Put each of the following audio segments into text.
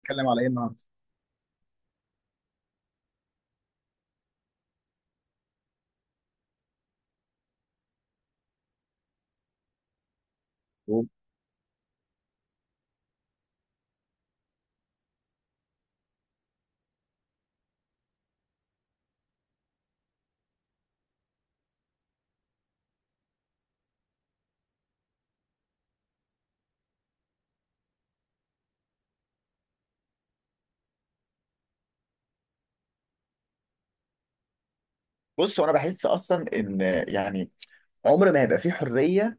هنتكلم على ايه النهارده؟ بص، هو انا بحس اصلا ان يعني عمر ما هيبقى فيه حريه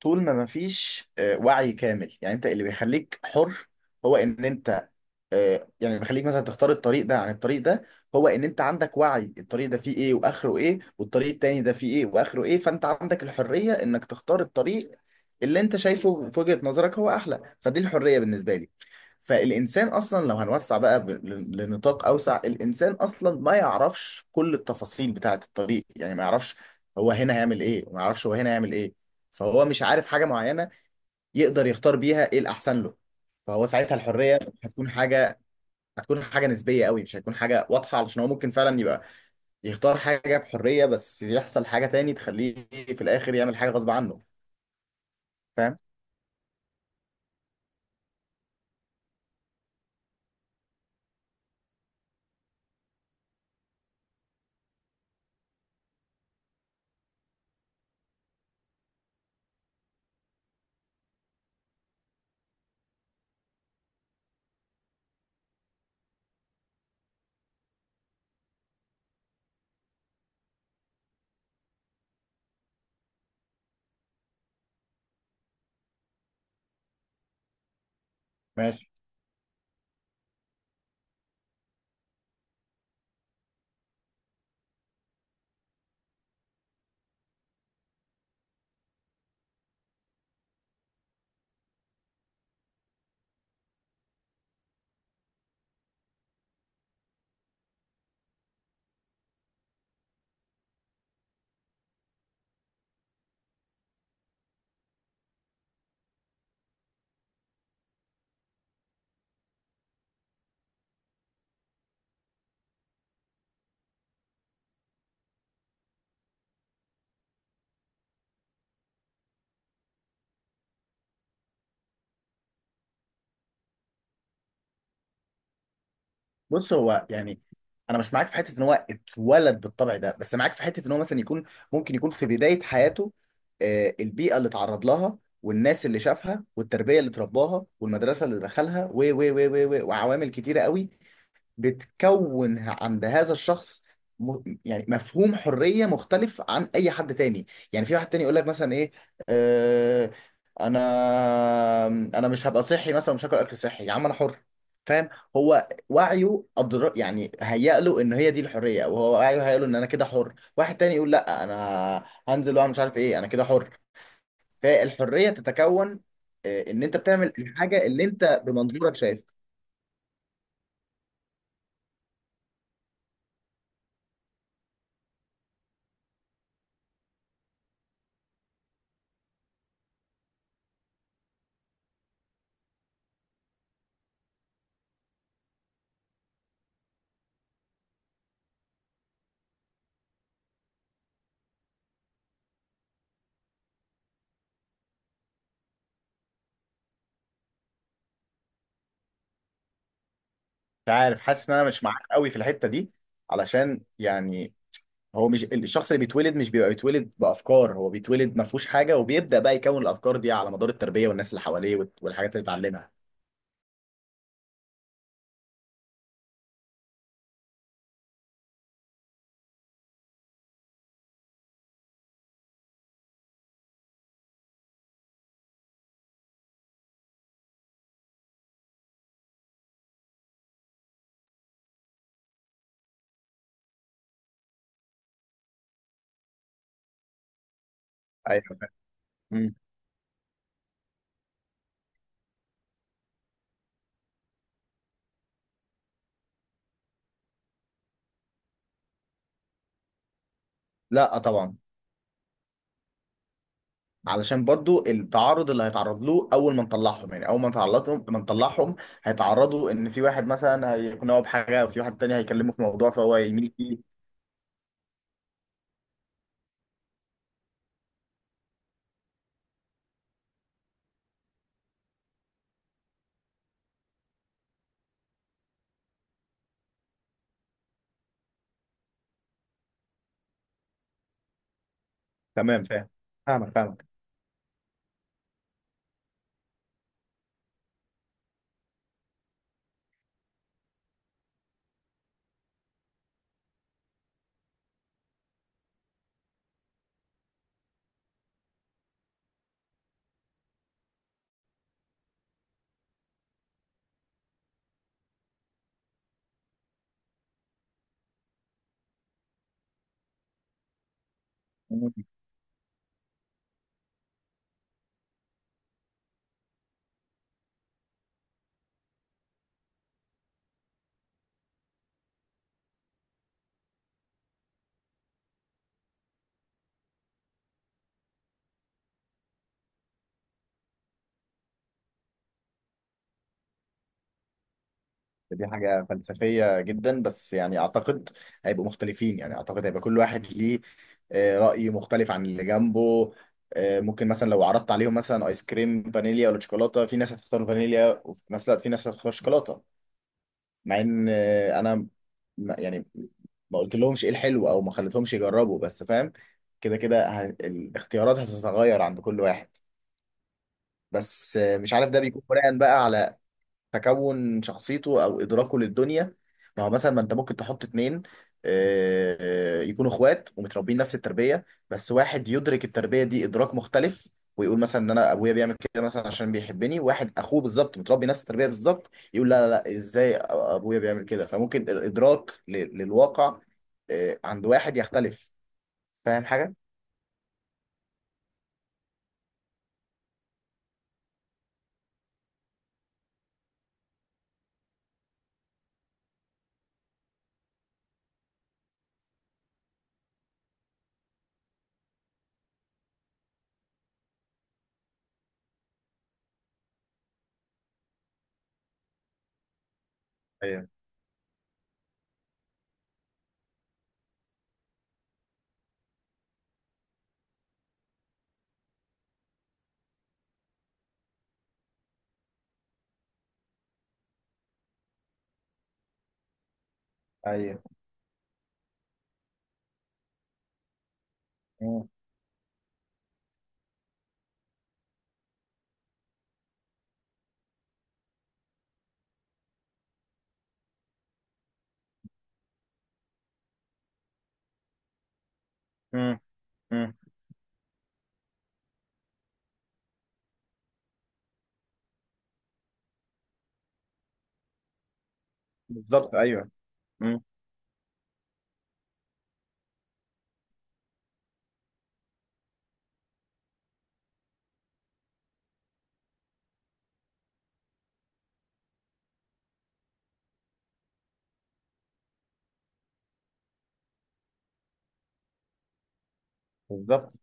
طول ما مفيش وعي كامل. يعني انت اللي بيخليك حر هو ان انت، آه، يعني اللي بيخليك مثلا تختار الطريق ده عن الطريق ده، هو ان انت عندك وعي الطريق ده فيه ايه واخره ايه، والطريق التاني ده فيه ايه واخره ايه، فانت عندك الحرية انك تختار الطريق اللي انت شايفه في وجهة نظرك هو احلى. فدي الحرية بالنسبة لي. فالانسان اصلا لو هنوسع بقى لنطاق اوسع، الانسان اصلا ما يعرفش كل التفاصيل بتاعة الطريق، يعني ما يعرفش هو هنا هيعمل ايه وما يعرفش هو هنا هيعمل ايه. فهو مش عارف حاجة معينة يقدر يختار بيها ايه الأحسن له. فهو ساعتها الحرية هتكون حاجة، نسبية قوي، مش هتكون حاجة واضحة، علشان هو ممكن فعلا يبقى يختار حاجة بحرية بس يحصل حاجة تاني تخليه في الآخر يعمل حاجة غصب عنه. فاهم؟ ماشي. بص، هو يعني أنا مش معاك في حتة إن هو اتولد بالطبع ده، بس معاك في حتة إن هو مثلا يكون ممكن يكون في بداية حياته البيئة اللي اتعرض لها والناس اللي شافها والتربية اللي اترباها والمدرسة اللي دخلها وعوامل كتيرة قوي بتكون عند هذا الشخص. م... يعني مفهوم حرية مختلف عن أي حد تاني. يعني في واحد تاني يقول لك مثلا إيه، آه... أنا أنا مش هبقى صحي مثلا، مش هاكل أكل صحي يا عم أنا حر. فاهم؟ هو وعيه يعني هيأ له إن هي دي الحرية، أو هو وعيه هيأ له إن أنا كده حر. واحد تاني يقول لأ، أنا هنزل وأعمل مش عارف إيه أنا كده حر. فالحرية تتكون إن أنت بتعمل الحاجة اللي أنت بمنظورك شايف. مش عارف، حاسس ان انا مش معاك قوي في الحته دي علشان يعني هو مش الشخص اللي بيتولد، مش بيبقى بيتولد بافكار، هو بيتولد ما فيهوش حاجه وبيبدا بقى يكون الافكار دي على مدار التربيه والناس اللي حواليه والحاجات اللي اتعلمها. ايوه فاهم. مم. لا آه طبعا. علشان برضو التعرض اللي هيتعرض له اول ما نطلعهم، يعني اول ما نطلعهم هيتعرضوا ان في واحد مثلا هيقنعه بحاجه وفي واحد تاني هيكلمه في موضوع فهو يميل فيه. تمام، فاهم، فاهمك فاهمك. دي حاجة فلسفية جدا، بس يعني أعتقد هيبقوا مختلفين. يعني أعتقد هيبقى كل واحد ليه رأي مختلف عن اللي جنبه. ممكن مثلا لو عرضت عليهم مثلا آيس كريم فانيليا ولا شوكولاتة، في ناس هتختار فانيليا، ومثلا في ناس هتختار شوكولاتة. مع إن أنا يعني ما قلت لهمش إيه الحلو أو ما خليتهمش يجربوا، بس فاهم، كده كده الاختيارات هتتغير عند كل واحد. بس مش عارف، ده بيكون بناء بقى على تكون شخصيته او ادراكه للدنيا. ما هو مثلا ما انت ممكن تحط اتنين يكونوا اخوات ومتربيين نفس التربيه، بس واحد يدرك التربيه دي ادراك مختلف ويقول مثلا ان انا ابويا بيعمل كده مثلا عشان بيحبني، واحد اخوه بالظبط متربي نفس التربيه بالظبط يقول لا لا لا ازاي ابويا بيعمل كده. فممكن الادراك للواقع عند واحد يختلف. فاهم حاجه؟ ايوه ايوه. مم. مم. مم. بالظبط، ايوه. مم. بالظبط.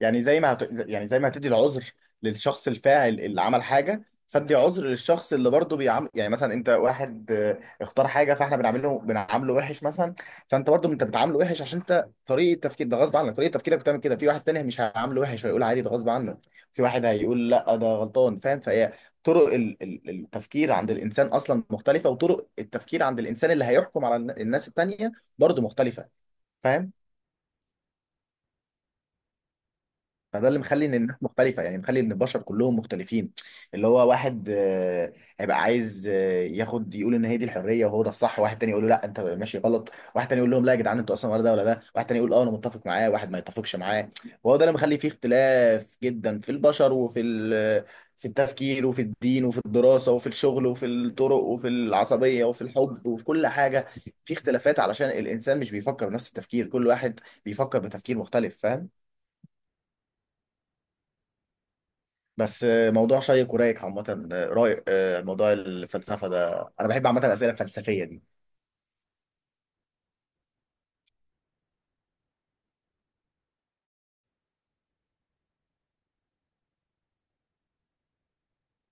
يعني زي ما يعني زي ما هتدي العذر للشخص الفاعل اللي عمل حاجه، فادي عذر للشخص اللي برضه بيعمل. يعني مثلا انت واحد اختار حاجه، فاحنا بنعامله وحش مثلا. فانت برضه انت بتعامله وحش عشان انت طريقه تفكير ده غصب عنك، طريقه تفكيرك بتعمل كده. في واحد تاني مش هيعامله وحش ويقول عادي ده غصب عنك، في واحد هيقول لا ده غلطان. فاهم؟ فهي طرق التفكير عند الانسان اصلا مختلفه، وطرق التفكير عند الانسان اللي هيحكم على الناس التانيه برضه مختلفه. فاهم؟ فده اللي مخلي ان الناس مختلفه، يعني مخلي ان البشر كلهم مختلفين. اللي هو واحد هيبقى عايز ياخد يقول ان هي دي الحريه وهو ده الصح، واحد تاني يقول له لا انت ماشي غلط، واحد تاني يقول لهم لا يا جدعان انتوا اصلا ولا ده ولا ده، واحد تاني يقول اه انا متفق معاه، واحد ما يتفقش معاه. وهو ده اللي مخلي فيه اختلاف جدا في البشر في التفكير وفي الدين وفي الدراسه وفي الشغل وفي الطرق وفي العصبيه وفي الحب وفي كل حاجه. في اختلافات علشان الانسان مش بيفكر بنفس التفكير، كل واحد بيفكر بتفكير مختلف. فاهم؟ بس موضوع شيق ورايق عامة. رايق. موضوع الفلسفة ده أنا بحب عامة الأسئلة الفلسفية دي.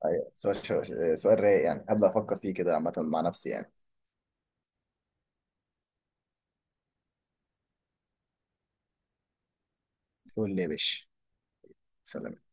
أيوة. سؤال رايق، يعني هبدأ أفكر فيه كده عامة مع نفسي يعني. قول لي يا باشا. سلام.